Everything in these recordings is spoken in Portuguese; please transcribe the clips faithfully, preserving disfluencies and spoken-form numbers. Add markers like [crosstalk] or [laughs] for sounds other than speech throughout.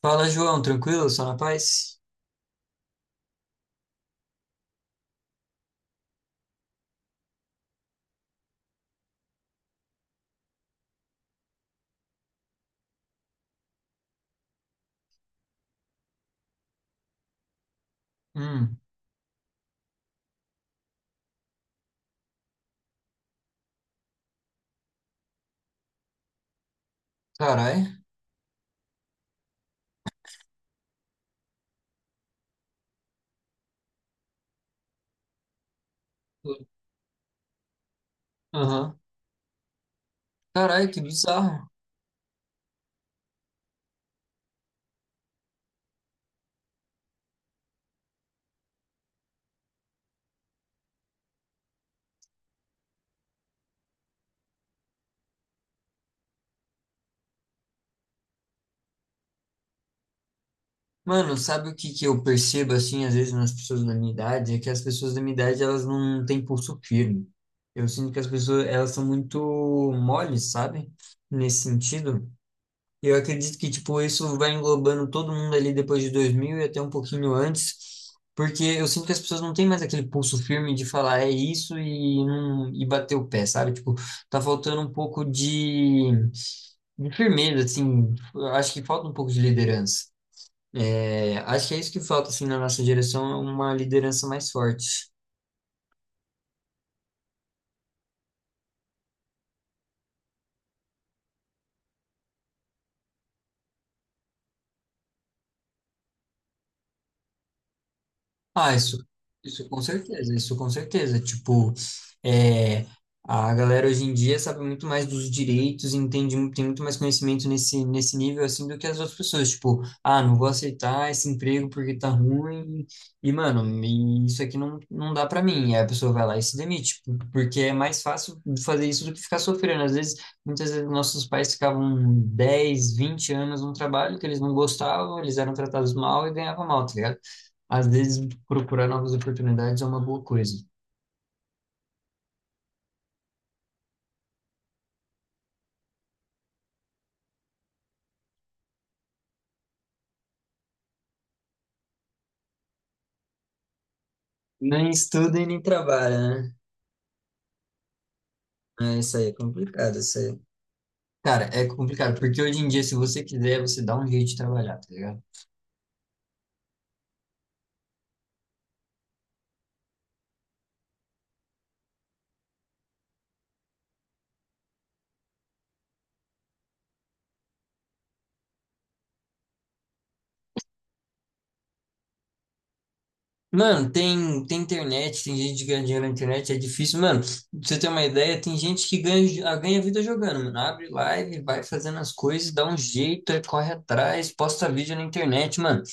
Fala, João, tranquilo? Só na paz? Hum, Carai. Aham. Carai, que bizarro. Mano, sabe o que que eu percebo, assim, às vezes nas pessoas da minha idade? É que as pessoas da minha idade, elas não têm pulso firme. Eu sinto que as pessoas, elas são muito moles, sabe? Nesse sentido. E eu acredito que, tipo, isso vai englobando todo mundo ali depois de dois mil e até um pouquinho antes, porque eu sinto que as pessoas não têm mais aquele pulso firme de falar é isso e, não, e bater o pé, sabe? Tipo, tá faltando um pouco de, de firmeza, assim, eu acho que falta um pouco de liderança. É, acho que é isso que falta, assim, na nossa direção, é uma liderança mais forte. Ah, isso, isso com certeza, isso com certeza. Tipo, é, a galera hoje em dia sabe muito mais dos direitos, entende, mu- tem muito mais conhecimento nesse, nesse nível assim do que as outras pessoas. Tipo, ah, não vou aceitar esse emprego porque tá ruim, e mano, me- isso aqui não, não dá pra mim. E aí a pessoa vai lá e se demite, p- porque é mais fácil fazer isso do que ficar sofrendo. Às vezes, muitas vezes nossos pais ficavam dez, vinte anos num trabalho que eles não gostavam, eles eram tratados mal e ganhavam mal, tá ligado? Às vezes procurar novas oportunidades é uma boa coisa. Nem estuda e nem trabalha, né? É, isso aí é complicado, isso aí. Cara, é complicado, porque hoje em dia, se você quiser, você dá um jeito de trabalhar, tá ligado? Mano, tem, tem internet, tem gente que ganha dinheiro na internet, é difícil. Mano, pra você ter uma ideia, tem gente que ganha, ah, ganha vida jogando, mano. Abre live, vai fazendo as coisas, dá um jeito, aí corre atrás, posta vídeo na internet, mano.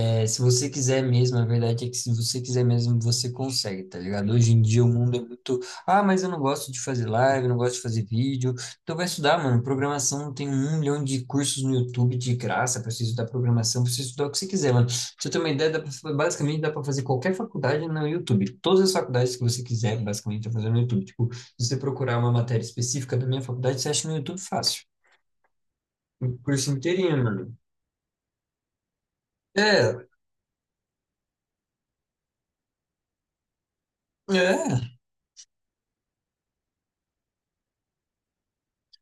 É, se você quiser mesmo, a verdade é que se você quiser mesmo, você consegue, tá ligado? Hoje em dia o mundo é muito. Ah, mas eu não gosto de fazer live, eu não gosto de fazer vídeo. Então vai estudar, mano. Programação tem um milhão de cursos no YouTube de graça pra você estudar programação, pra você estudar o que você quiser, mano. Pra você ter uma ideia, dá pra- basicamente dá pra fazer qualquer faculdade no YouTube. Todas as faculdades que você quiser, basicamente, dá pra fazer no YouTube. Tipo, se você procurar uma matéria específica da minha faculdade, você acha no YouTube fácil. O curso inteirinho, mano. É, é.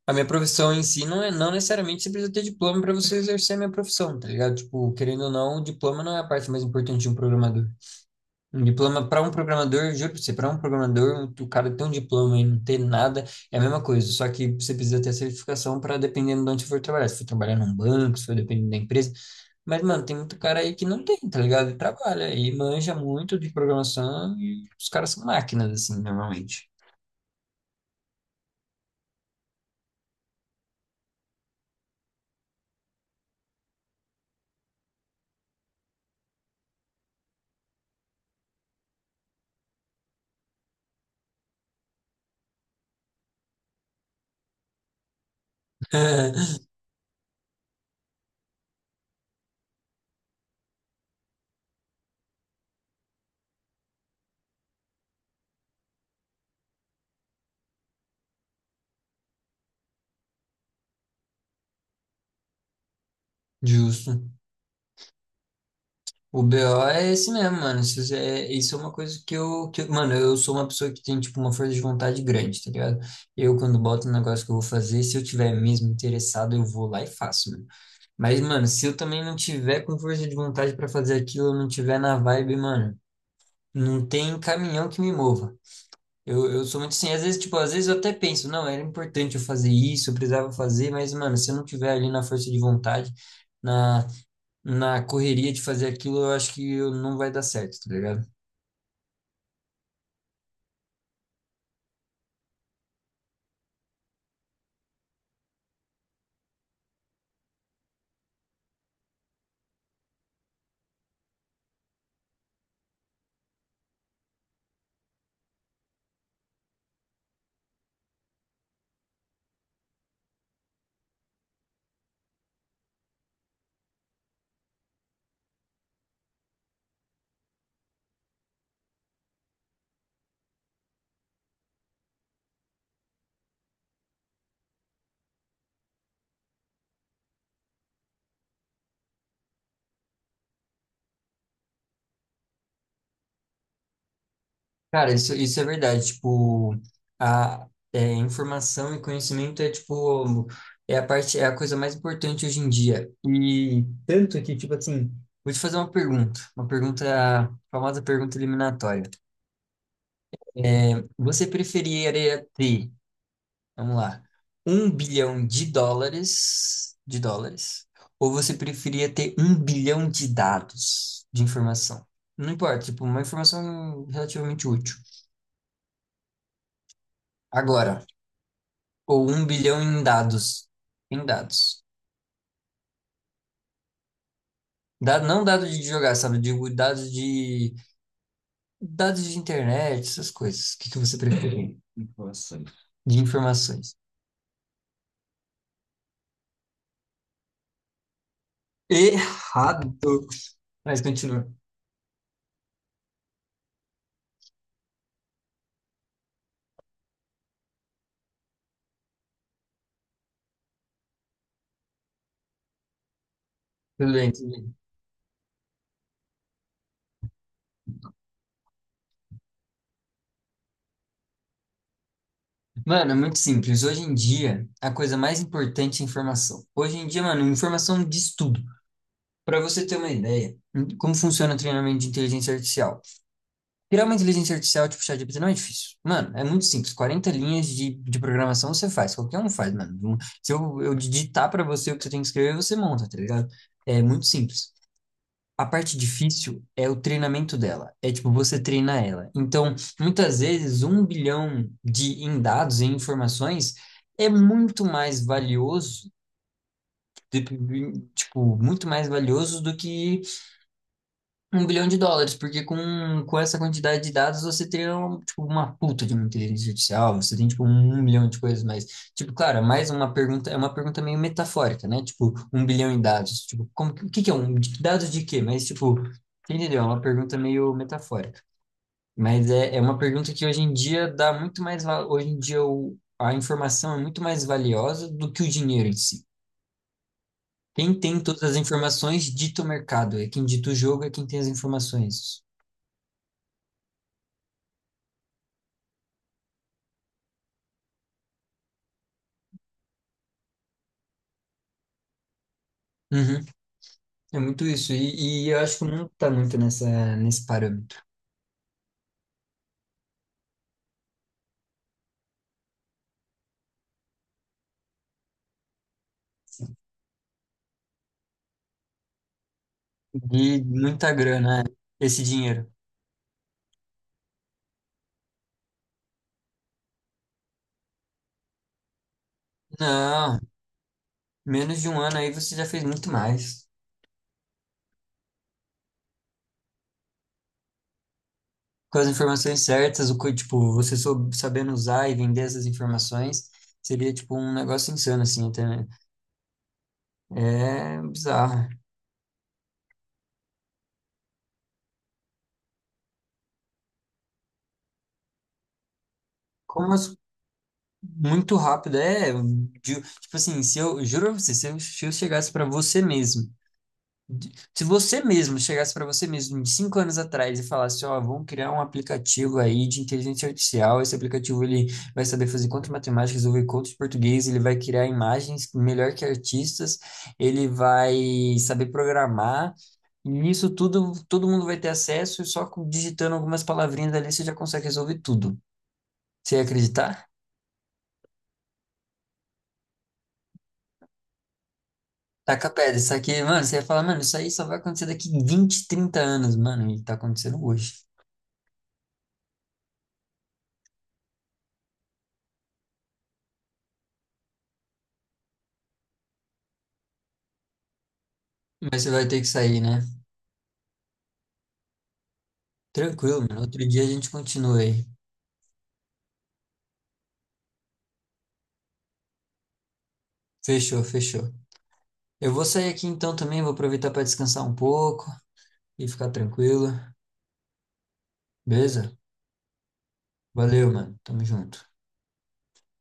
A minha profissão em si não é, não necessariamente você precisa ter diploma para você exercer a minha profissão, tá ligado? Tipo, querendo ou não, o diploma não é a parte mais importante de um programador. Um diploma para um programador, juro pra você, para um programador, o cara ter um diploma e não ter nada é a mesma coisa, só que você precisa ter a certificação para dependendo de onde você for trabalhar. Se for trabalhar num banco, se for dependendo da empresa. Mas, mano, tem muito cara aí que não tem, tá ligado? E trabalha e manja muito de programação e os caras são máquinas, assim, normalmente. [laughs] Justo. O B O é esse mesmo, mano. Isso é, isso é uma coisa que eu, que, eu- mano, eu sou uma pessoa que tem, tipo, uma força de vontade grande, tá ligado? Eu, quando boto um negócio que eu vou fazer, se eu tiver mesmo interessado, eu vou lá e faço, mano. Mas, mano, se eu também não tiver com força de vontade pra fazer aquilo, eu não tiver na vibe, mano, não tem caminhão que me mova. Eu, eu sou muito assim, às vezes, tipo, às vezes eu até penso, não, era importante eu fazer isso, eu precisava fazer, mas, mano, se eu não tiver ali na força de vontade, na na correria de fazer aquilo, eu acho que eu- não vai dar certo, tá ligado? Cara, isso, isso é verdade. Tipo, a é, informação e conhecimento é, tipo, é a parte, é a coisa mais importante hoje em dia. E tanto que, tipo assim, vou te fazer uma pergunta, uma pergunta, a famosa pergunta eliminatória. É, você preferiria ter vamos lá. Um bilhão de dólares, de dólares, ou você preferia ter um bilhão de dados de informação? Não importa, tipo, uma informação relativamente útil. Agora, ou um bilhão em dados, em dados. Da- não dados de jogar, sabe? Digo dados de dados de internet, essas coisas. O que que você prefere? De informações. Errado. Mas continua. Tudo bem, tudo bem. Mano, é muito simples. Hoje em dia, a coisa mais importante é informação. Hoje em dia, mano, informação diz tudo. Para você ter uma ideia, em- como funciona o treinamento de inteligência artificial? Criar uma inteligência artificial tipo ChatGPT não é difícil. Mano, é muito simples. Quarenta linhas de, de programação você faz. Qualquer um faz, mano. Um- se eu, eu digitar para você o que você tem que escrever, você monta, tá ligado? É muito simples. A parte difícil é o treinamento dela. É tipo, você treina ela. Então, muitas vezes, um bilhão de em dados e informações é muito mais valioso, de- tipo, muito mais valioso do que um bilhão de dólares, porque com, com essa quantidade de dados você teria um, tipo, uma puta de uma inteligência artificial, você tem tipo um milhão de coisas mais. Tipo, claro, é mais uma pergunta, é uma pergunta meio metafórica, né? Tipo, um bilhão em dados. Tipo, como, que- o que que é um de- dados de quê? Mas tipo, você entendeu? É uma pergunta meio metafórica. Mas é, é uma pergunta que hoje em dia dá muito mais, va- hoje em dia o, a informação é muito mais valiosa do que o dinheiro em si. Quem tem todas as informações dita o mercado, é quem dita o jogo, é quem tem as informações. Uhum. É muito isso. E, e eu acho que não tá muito nessa, nesse parâmetro. Assim, de muita grana, é, esse dinheiro. Não, menos de um ano aí você já fez muito mais. Com as informações certas, o, co- tipo, você sou- sabendo usar e vender essas informações, seria tipo um negócio insano, assim, até, né? É bizarro. Como as- muito rápido, é. De- tipo assim, se eu, juro pra você, se eu, se eu chegasse pra você mesmo. De- se você mesmo chegasse para você mesmo de cinco anos atrás e falasse, ó, vamos criar um aplicativo aí de inteligência artificial, esse aplicativo ele vai saber fazer conta de matemática, resolver conta de português, ele vai criar imagens melhor que artistas, ele vai saber programar, e nisso tudo todo mundo vai ter acesso e só com- digitando algumas palavrinhas ali você já consegue resolver tudo. Você ia acreditar? Taca pedra, isso aqui, mano, você ia falar, mano, isso aí só vai acontecer daqui vinte, trinta anos, mano, e tá acontecendo hoje. Mas você vai ter que sair, né? Tranquilo, mano. Outro dia a gente continua aí. Fechou, fechou. Eu vou sair aqui então também, vou aproveitar para descansar um pouco e ficar tranquilo. Beleza? Valeu, mano. Tamo junto.